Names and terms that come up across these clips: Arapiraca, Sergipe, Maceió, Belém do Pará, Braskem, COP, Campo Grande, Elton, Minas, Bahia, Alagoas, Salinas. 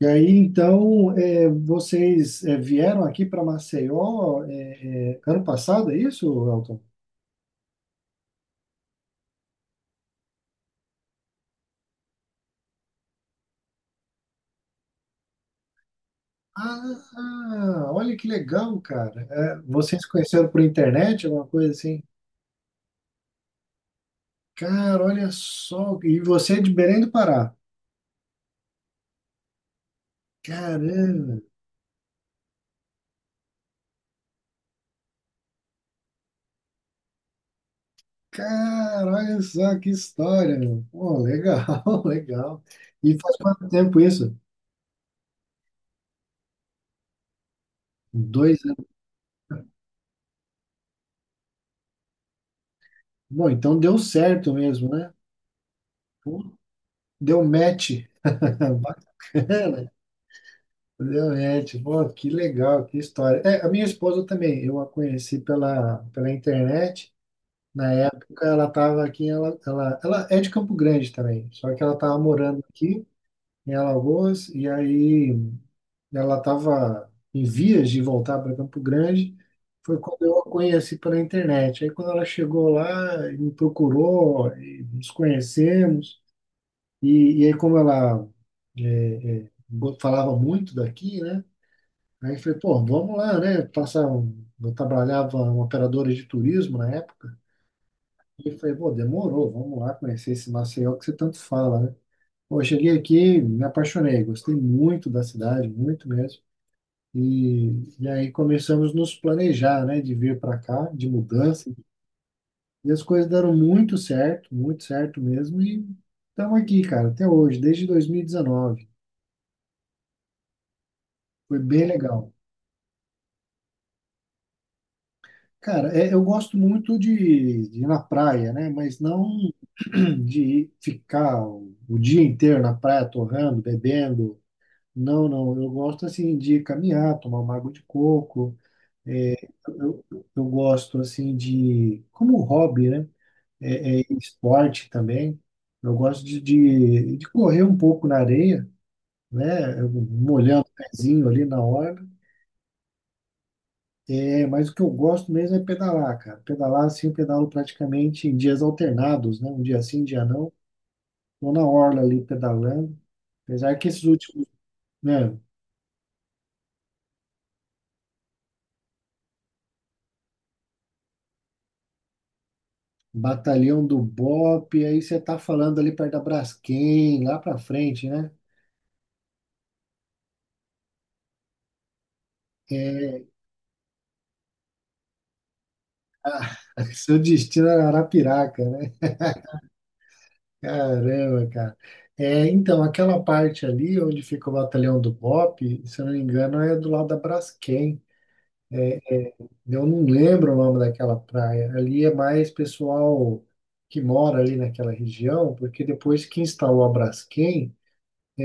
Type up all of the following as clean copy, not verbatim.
E aí, então, vocês vieram aqui para Maceió, ano passado, é isso, Elton? Ah, olha que legal, cara. É, vocês se conheceram por internet, alguma coisa assim? Cara, olha só. E você é de Belém do Pará? Caramba, cara, olha só que história, meu. Pô, legal, legal. E faz quanto tempo isso? 2 anos. Bom, então deu certo mesmo, né? Deu match. Bacana. Realmente, pô, que legal, que história. É, a minha esposa também, eu a conheci pela internet. Na época ela estava aqui, ela é de Campo Grande também, só que ela estava morando aqui em Alagoas, e aí ela estava em vias de voltar para Campo Grande. Foi quando eu a conheci pela internet. Aí quando ela chegou lá, me procurou, e nos conhecemos, e aí como ela falava muito daqui, né? Aí eu falei, pô, vamos lá, né? Eu trabalhava em uma operadora de turismo na época. E eu falei, pô, demorou, vamos lá conhecer esse Maceió que você tanto fala, né? Pô, eu cheguei aqui, me apaixonei, gostei muito da cidade, muito mesmo. E, e aí começamos a nos planejar, né, de vir para cá, de mudança. E as coisas deram muito certo mesmo. E estamos aqui, cara, até hoje, desde 2019. Foi bem legal. Cara, eu gosto muito de ir na praia, né? Mas não de ficar o dia inteiro na praia torrando, bebendo. Não, não. Eu gosto assim de caminhar, tomar uma água de coco. É, eu, eu gosto assim de, como hobby, né? É, é esporte também. Eu gosto de correr um pouco na areia, né? Molhando o pezinho ali na hora. É, mas o que eu gosto mesmo é pedalar, cara. Pedalar assim, eu pedalo praticamente em dias alternados, né? Um dia sim, um dia não. Tô na orla ali pedalando. Apesar que esses últimos, né? Batalhão do Bop, aí você tá falando ali perto da Braskem, lá pra frente, né? É, seu destino era Arapiraca, né? Caramba, cara. É, então, aquela parte ali onde fica o batalhão do Bop, se eu não me engano, é do lado da Braskem. Eu não lembro o nome daquela praia. Ali é mais pessoal que mora ali naquela região, porque depois que instalou a Braskem,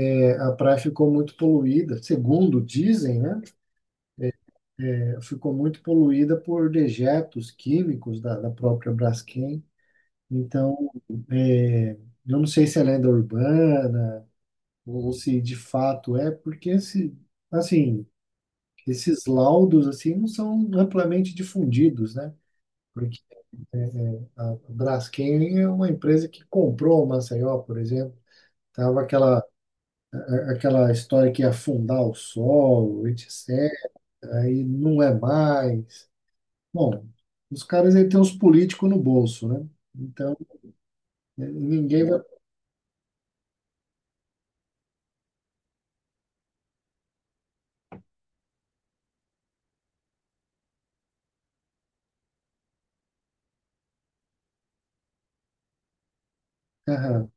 a praia ficou muito poluída, segundo dizem, né? Ficou muito poluída por dejetos químicos da própria Braskem. Então, eu não sei se é lenda urbana ou se de fato é, porque esse, assim, esses laudos assim não são amplamente difundidos, né? A Braskem é uma empresa que comprou o Maceió, por exemplo. Tava aquela, aquela história que ia afundar o sol, etc. Aí não é mais. Bom, os caras aí têm os políticos no bolso, né? Então, ninguém vai. Aham,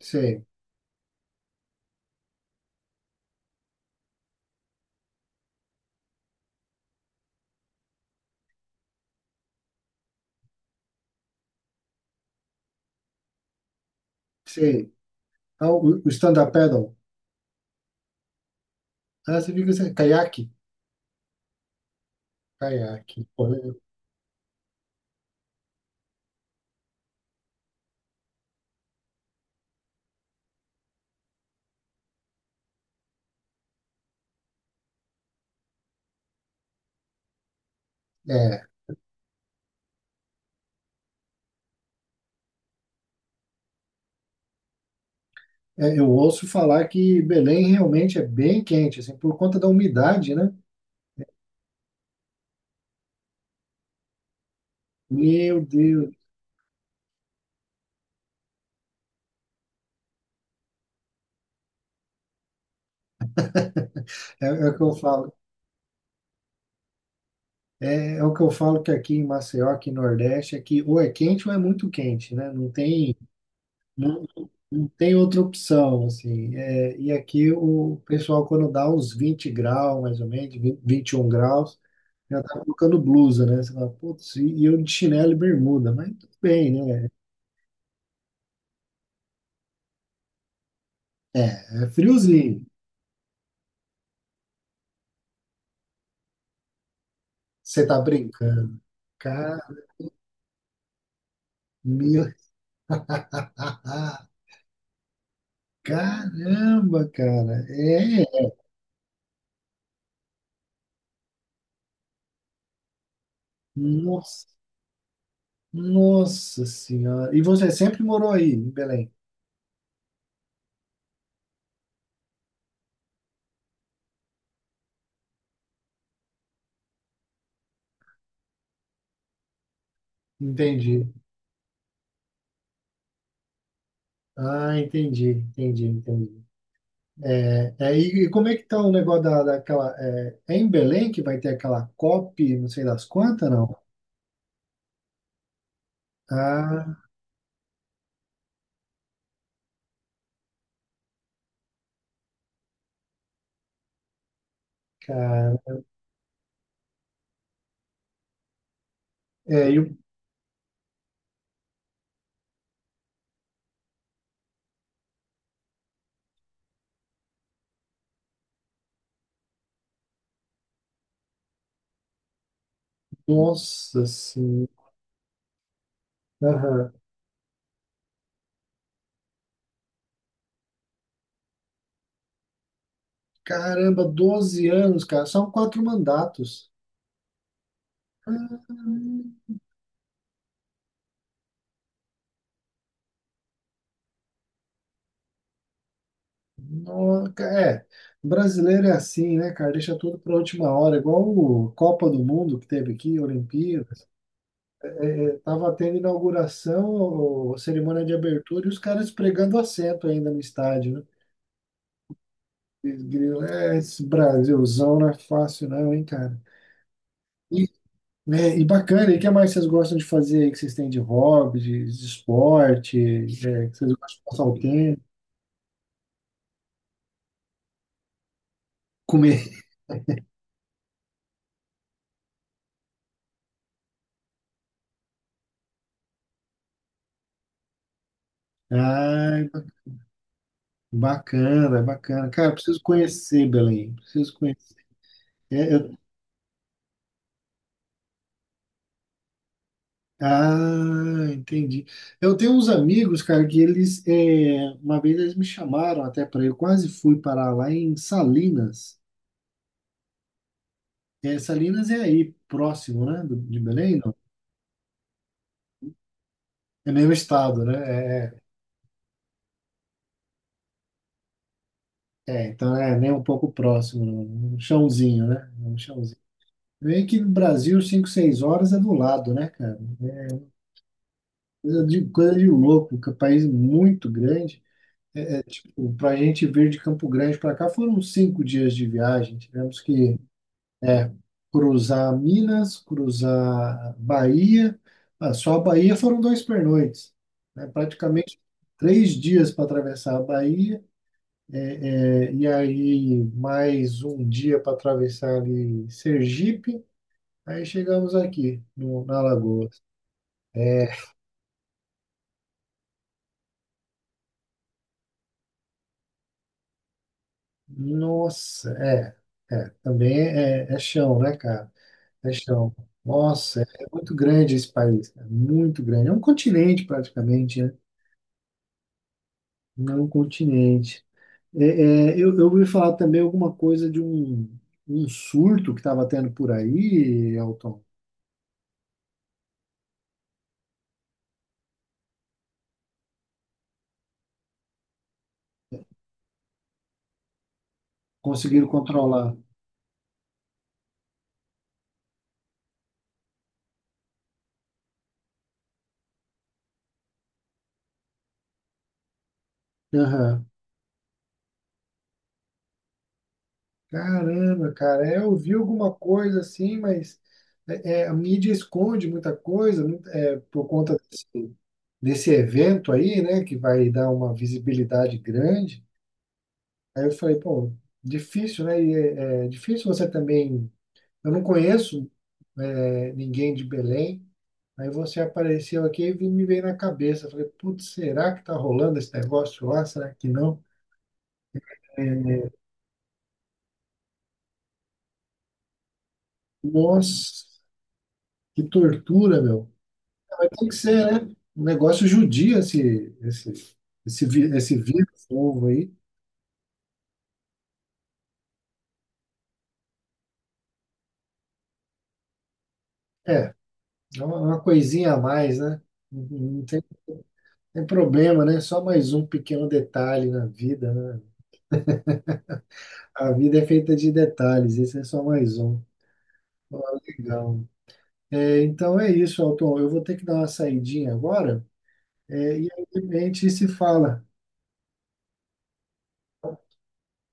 sei, sei. Ah, o stand-up paddle. Ah, você fica assim, caiaque? Caiaque. Pô, É, eu ouço falar que Belém realmente é bem quente, assim, por conta da umidade, né? Meu Deus. É, é o que eu falo, é o que eu falo que aqui em Maceió, aqui no Nordeste, é que ou é quente ou é muito quente, né? Não tem, não, não tem outra opção, assim. É, e aqui o pessoal, quando dá uns 20 graus, mais ou menos, 20, 21 graus, já tá colocando blusa, né? Você fala, putz, e eu de chinelo e bermuda, mas tudo bem, né? É friozinho. Você tá brincando. Cara, meu. Caramba, cara. É, nossa. Nossa Senhora. E você sempre morou aí, em Belém? Entendi. Ah, entendi, entendi, entendi. E como é que tá o negócio daquela. É, é em Belém que vai ter aquela COP, não sei das quantas, não? Ah, cara. É, e o. Nossa Senhora. Aham. Caramba, 12 anos, cara. São 4 mandatos. É, brasileiro é assim, né, cara? Deixa tudo para última hora, igual o Copa do Mundo que teve aqui, Olimpíadas. Tava tendo inauguração, ou cerimônia de abertura, e os caras pregando assento ainda no estádio, né? Eles grilam, é, esse Brasilzão não é fácil não, hein, cara? E, né, e bacana, e o que mais vocês gostam de fazer aí, que vocês têm de hobby, de esporte, é, que vocês gostam de passar o tempo, comer? Ai, bacana, bacana. Cara, preciso conhecer Belém, preciso conhecer. É, eu. Ah, entendi. Eu tenho uns amigos, cara, que uma vez eles me chamaram até para eu quase fui parar lá em Salinas. É, Salinas é aí próximo, né, de Belém, não? É mesmo estado, né? É, então é nem um pouco próximo, não. Um chãozinho, né? É um chãozinho. Vem que no Brasil, 5, 6 horas é do lado, né, cara? É coisa de, coisa de louco, que é um país muito grande. Para a gente vir de Campo Grande para cá foram 5 dias de viagem. Tivemos que É, cruzar Minas, cruzar Bahia. Ah, só a Bahia foram 2 pernoites, né? Praticamente 3 dias para atravessar a Bahia, e aí mais um dia para atravessar ali Sergipe. Aí chegamos aqui, no, na Alagoas. É, nossa, também é chão, né, cara? É chão. Nossa, é muito grande esse país, cara, muito grande. É um continente praticamente, né? Não continente. É, eu ouvi falar também alguma coisa de um surto que estava tendo por aí, Elton. Conseguiram controlar. Aham. Caramba, cara, é, eu vi alguma coisa assim, mas é, é, a mídia esconde muita coisa, por conta desse evento aí, né, que vai dar uma visibilidade grande. Aí eu falei, pô, difícil, né? E é difícil você também. Eu não conheço, ninguém de Belém. Aí você apareceu aqui e me veio na cabeça. Falei, putz, será que tá rolando esse negócio lá? Será que não? Nossa, que tortura, meu. Mas tem que ser, né? Um negócio judia esse vírus novo aí. É, é uma coisinha a mais, né? Não tem problema, né? Só mais um pequeno detalhe na vida, né? A vida é feita de detalhes, esse é só mais um. Ó, legal. É, então é isso, Alton. Eu vou ter que dar uma saidinha agora. É, e aí, de repente, se fala.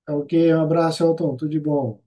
Tá ok, um abraço, Elton, tudo de bom.